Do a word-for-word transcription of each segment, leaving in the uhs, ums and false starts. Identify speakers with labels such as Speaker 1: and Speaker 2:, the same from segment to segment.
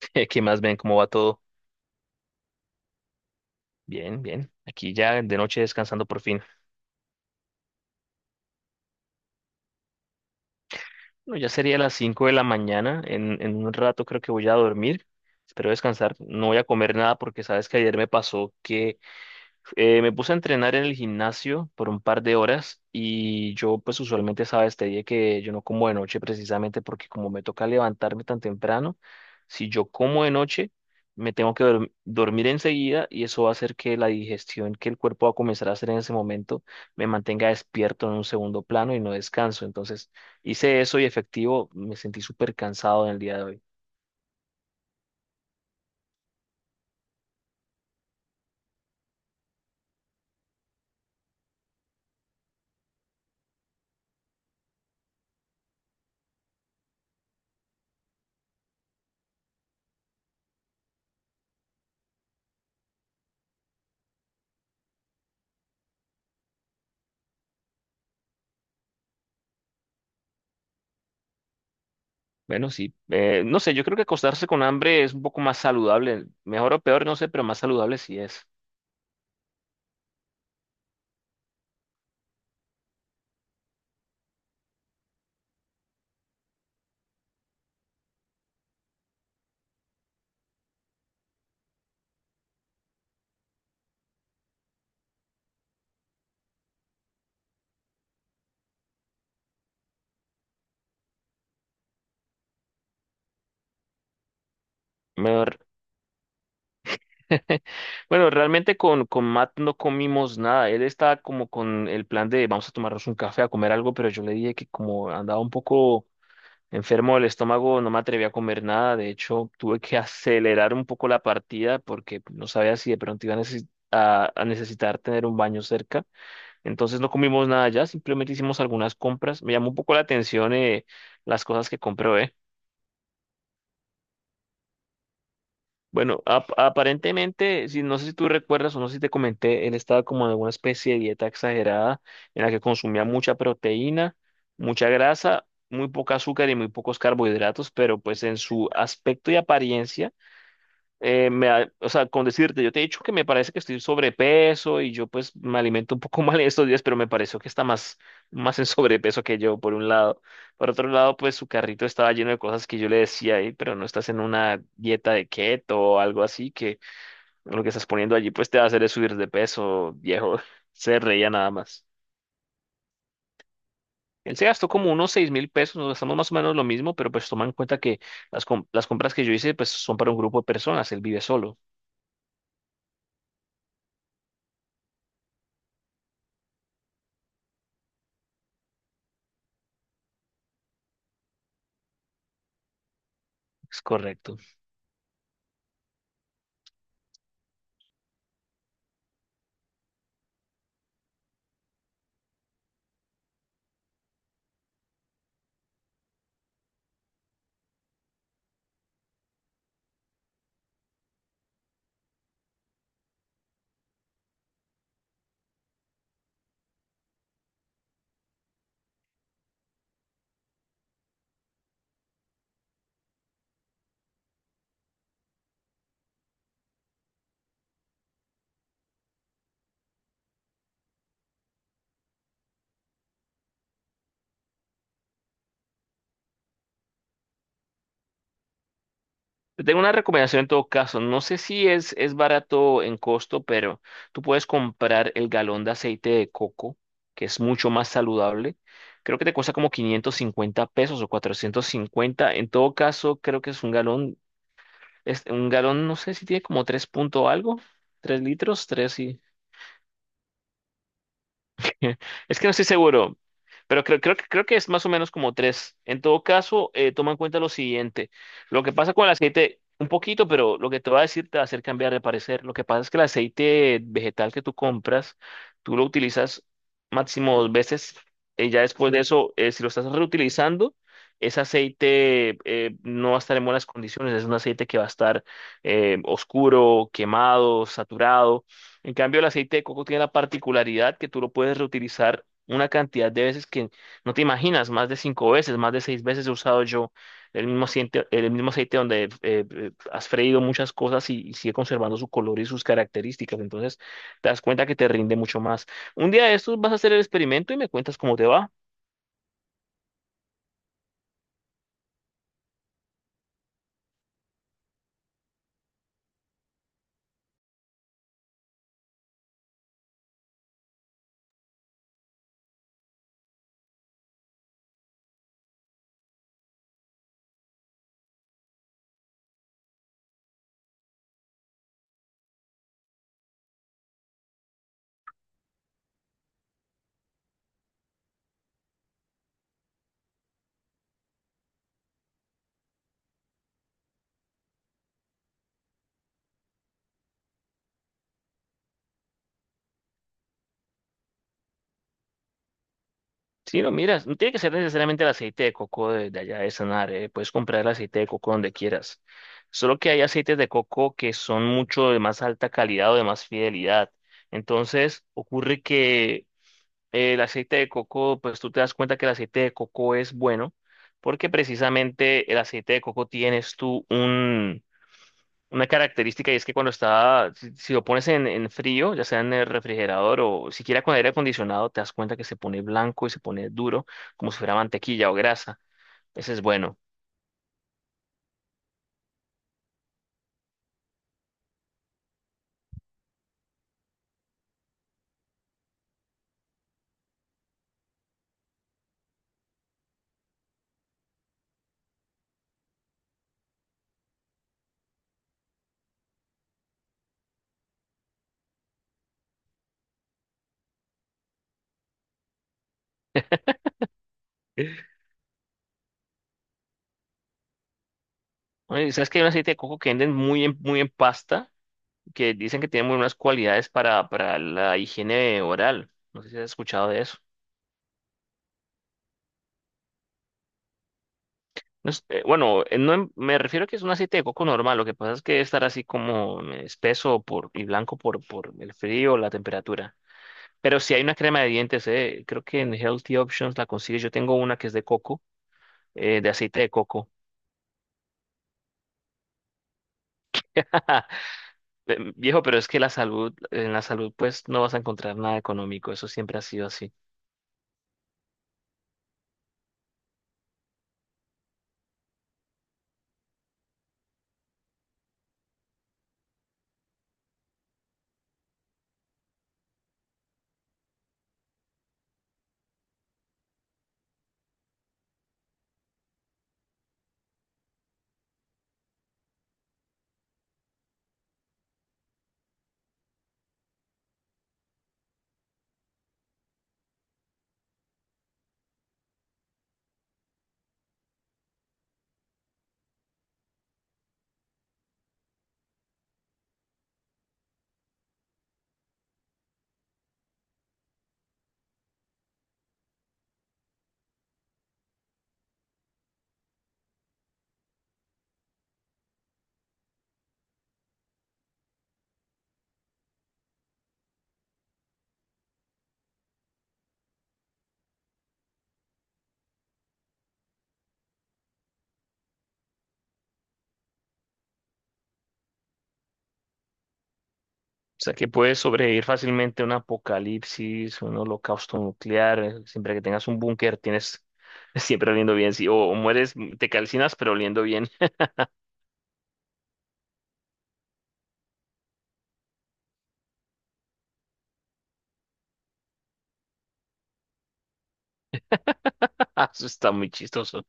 Speaker 1: Eh, ¿Qué más ven? ¿Cómo va todo? Bien, bien. Aquí ya de noche descansando por fin. Bueno, ya sería las cinco de la mañana. En, en un rato creo que voy a dormir. Espero descansar. No voy a comer nada porque sabes que ayer me pasó que Eh, me puse a entrenar en el gimnasio por un par de horas y yo pues usualmente sabes, te dije que yo no como de noche precisamente porque como me toca levantarme tan temprano, si yo como de noche me tengo que dorm- dormir enseguida y eso va a hacer que la digestión que el cuerpo va a comenzar a hacer en ese momento me mantenga despierto en un segundo plano y no descanso. Entonces hice eso y efectivo, me sentí súper cansado en el día de hoy. Bueno, sí. Eh, no sé, yo creo que acostarse con hambre es un poco más saludable. Mejor o peor, no sé, pero más saludable sí es. Mejor. Bueno, realmente con, con Matt no comimos nada. Él estaba como con el plan de vamos a tomarnos un café, a comer algo, pero yo le dije que como andaba un poco enfermo del estómago, no me atreví a comer nada. De hecho, tuve que acelerar un poco la partida porque no sabía si de pronto iba a necesi- a- a necesitar tener un baño cerca. Entonces no comimos nada allá, simplemente hicimos algunas compras. Me llamó un poco la atención eh, las cosas que compró, ¿eh? Bueno, ap- aparentemente, si, no sé si tú recuerdas o no sé si te comenté, él estaba como en alguna especie de dieta exagerada en la que consumía mucha proteína, mucha grasa, muy poca azúcar y muy pocos carbohidratos, pero pues en su aspecto y apariencia eh, me, ha- o sea, con decirte, yo te he dicho que me parece que estoy sobrepeso y yo pues me alimento un poco mal en estos días, pero me pareció que está más, más en sobrepeso que yo, por un lado. Por otro lado, pues su carrito estaba lleno de cosas que yo le decía, "Ey, pero no estás en una dieta de keto o algo así, que lo que estás poniendo allí pues te va a hacer es subir de peso, viejo". Se reía nada más. Él se gastó como unos seis mil pesos, nos gastamos más o menos lo mismo, pero pues toma en cuenta que las, com- las compras que yo hice pues son para un grupo de personas, él vive solo. Es correcto. Te tengo una recomendación en todo caso. No sé si es, es barato en costo, pero tú puedes comprar el galón de aceite de coco, que es mucho más saludable. Creo que te cuesta como quinientos cincuenta pesos o cuatrocientos cincuenta. En todo caso, creo que es un galón. Es un galón, no sé si tiene como tres punto algo, tres litros, tres. Es que no estoy seguro, pero creo, creo que, creo que es más o menos como tres. En todo caso, eh, toma en cuenta lo siguiente. Lo que pasa con el aceite, un poquito, pero lo que te va a decir te va a hacer cambiar de parecer. Lo que pasa es que el aceite vegetal que tú compras, tú lo utilizas máximo dos veces. eh, ya después de eso, eh, si lo estás reutilizando, ese aceite eh, no va a estar en buenas condiciones. Es un aceite que va a estar eh, oscuro, quemado, saturado. En cambio, el aceite de coco tiene la particularidad que tú lo puedes reutilizar una cantidad de veces que no te imaginas, más de cinco veces, más de seis veces he usado yo el mismo aceite, el mismo aceite donde eh, eh, has freído muchas cosas y, y sigue conservando su color y sus características. Entonces, te das cuenta que te rinde mucho más. Un día de estos vas a hacer el experimento y me cuentas cómo te va. Sí, lo miras, no tiene que ser necesariamente el aceite de coco de, de allá de Sanar, eh, puedes comprar el aceite de coco donde quieras. Solo que hay aceites de coco que son mucho de más alta calidad o de más fidelidad. Entonces, ocurre que eh, el aceite de coco, pues tú te das cuenta que el aceite de coco es bueno, porque precisamente el aceite de coco tienes tú una característica y es que cuando está, si, si lo pones en, en frío, ya sea en el refrigerador o siquiera con aire acondicionado, te das cuenta que se pone blanco y se pone duro, como si fuera mantequilla o grasa. Ese es bueno. Oye, ¿sabes que hay un aceite de coco que venden muy en, muy en pasta? Que dicen que tiene muy buenas cualidades para, para la higiene oral. No sé si has escuchado de eso. No es- eh, bueno, eh, no em- me refiero a que es un aceite de coco normal. Lo que pasa es que estará así como eh, espeso por, y blanco por, por el frío o la temperatura. Pero si hay una crema de dientes, eh, creo que en Healthy Options la consigues. Yo tengo una que es de coco, eh, de aceite de coco. Em, Viejo, pero es que la salud, en la salud, pues no vas a encontrar nada económico. Eso siempre ha sido así. O sea, que puedes sobrevivir fácilmente a un apocalipsis, un holocausto nuclear. eh, Siempre que tengas un búnker, tienes siempre oliendo bien. Sí, o, o mueres, mm, te calcinas, pero oliendo bien. Eso está muy chistoso.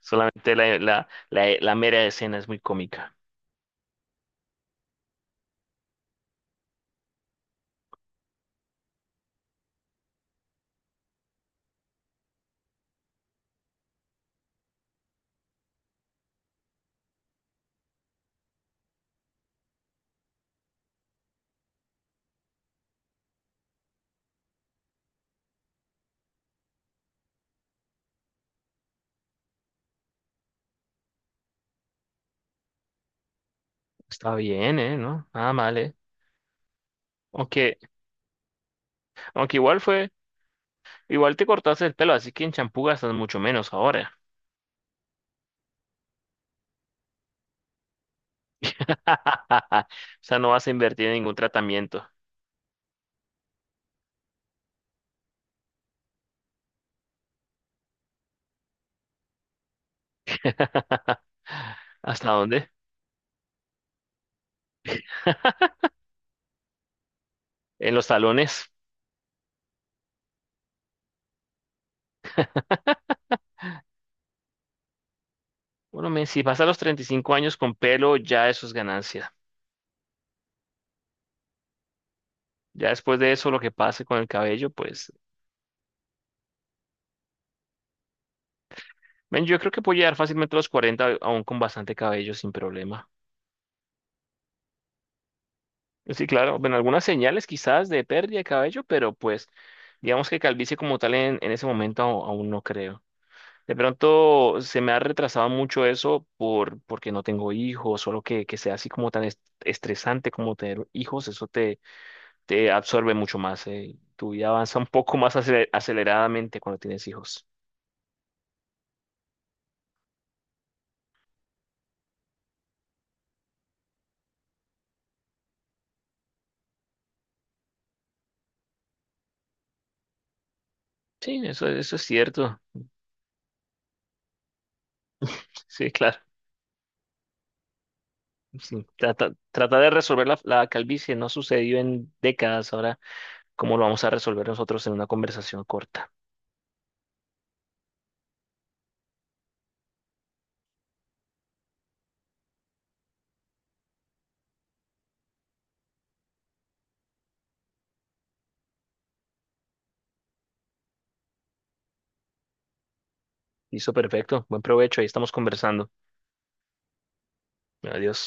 Speaker 1: Solamente la, la, la, la mera escena es muy cómica. Está bien, ¿eh? ¿No? Nada mal, ¿eh? Aunque, aunque igual fue, igual te cortaste el pelo, así que en champú gastas mucho menos ahora. O sea, no vas a invertir en ningún tratamiento. ¿Hasta dónde? En los talones. Bueno, men, si vas a los treinta y cinco años con pelo, ya eso es ganancia. Ya después de eso, lo que pase con el cabello, pues, men, yo creo que puedo llegar fácilmente a los cuarenta aún con bastante cabello sin problema. Sí, claro, ven algunas señales quizás de pérdida de cabello, pero pues, digamos que calvicie como tal en, en ese momento aún aún no creo. De pronto se me ha retrasado mucho eso por, porque no tengo hijos, solo que, que sea así como tan est- estresante como tener hijos, eso te, te absorbe mucho más, eh. Tu vida avanza un poco más acele- aceleradamente cuando tienes hijos. Sí, eso, eso es cierto. Sí, claro. Sí. Trata, tratar de resolver la, la calvicie no ha sucedido en décadas. Ahora, ¿cómo lo vamos a resolver nosotros en una conversación corta? Listo, perfecto. Buen provecho. Ahí estamos conversando. Adiós.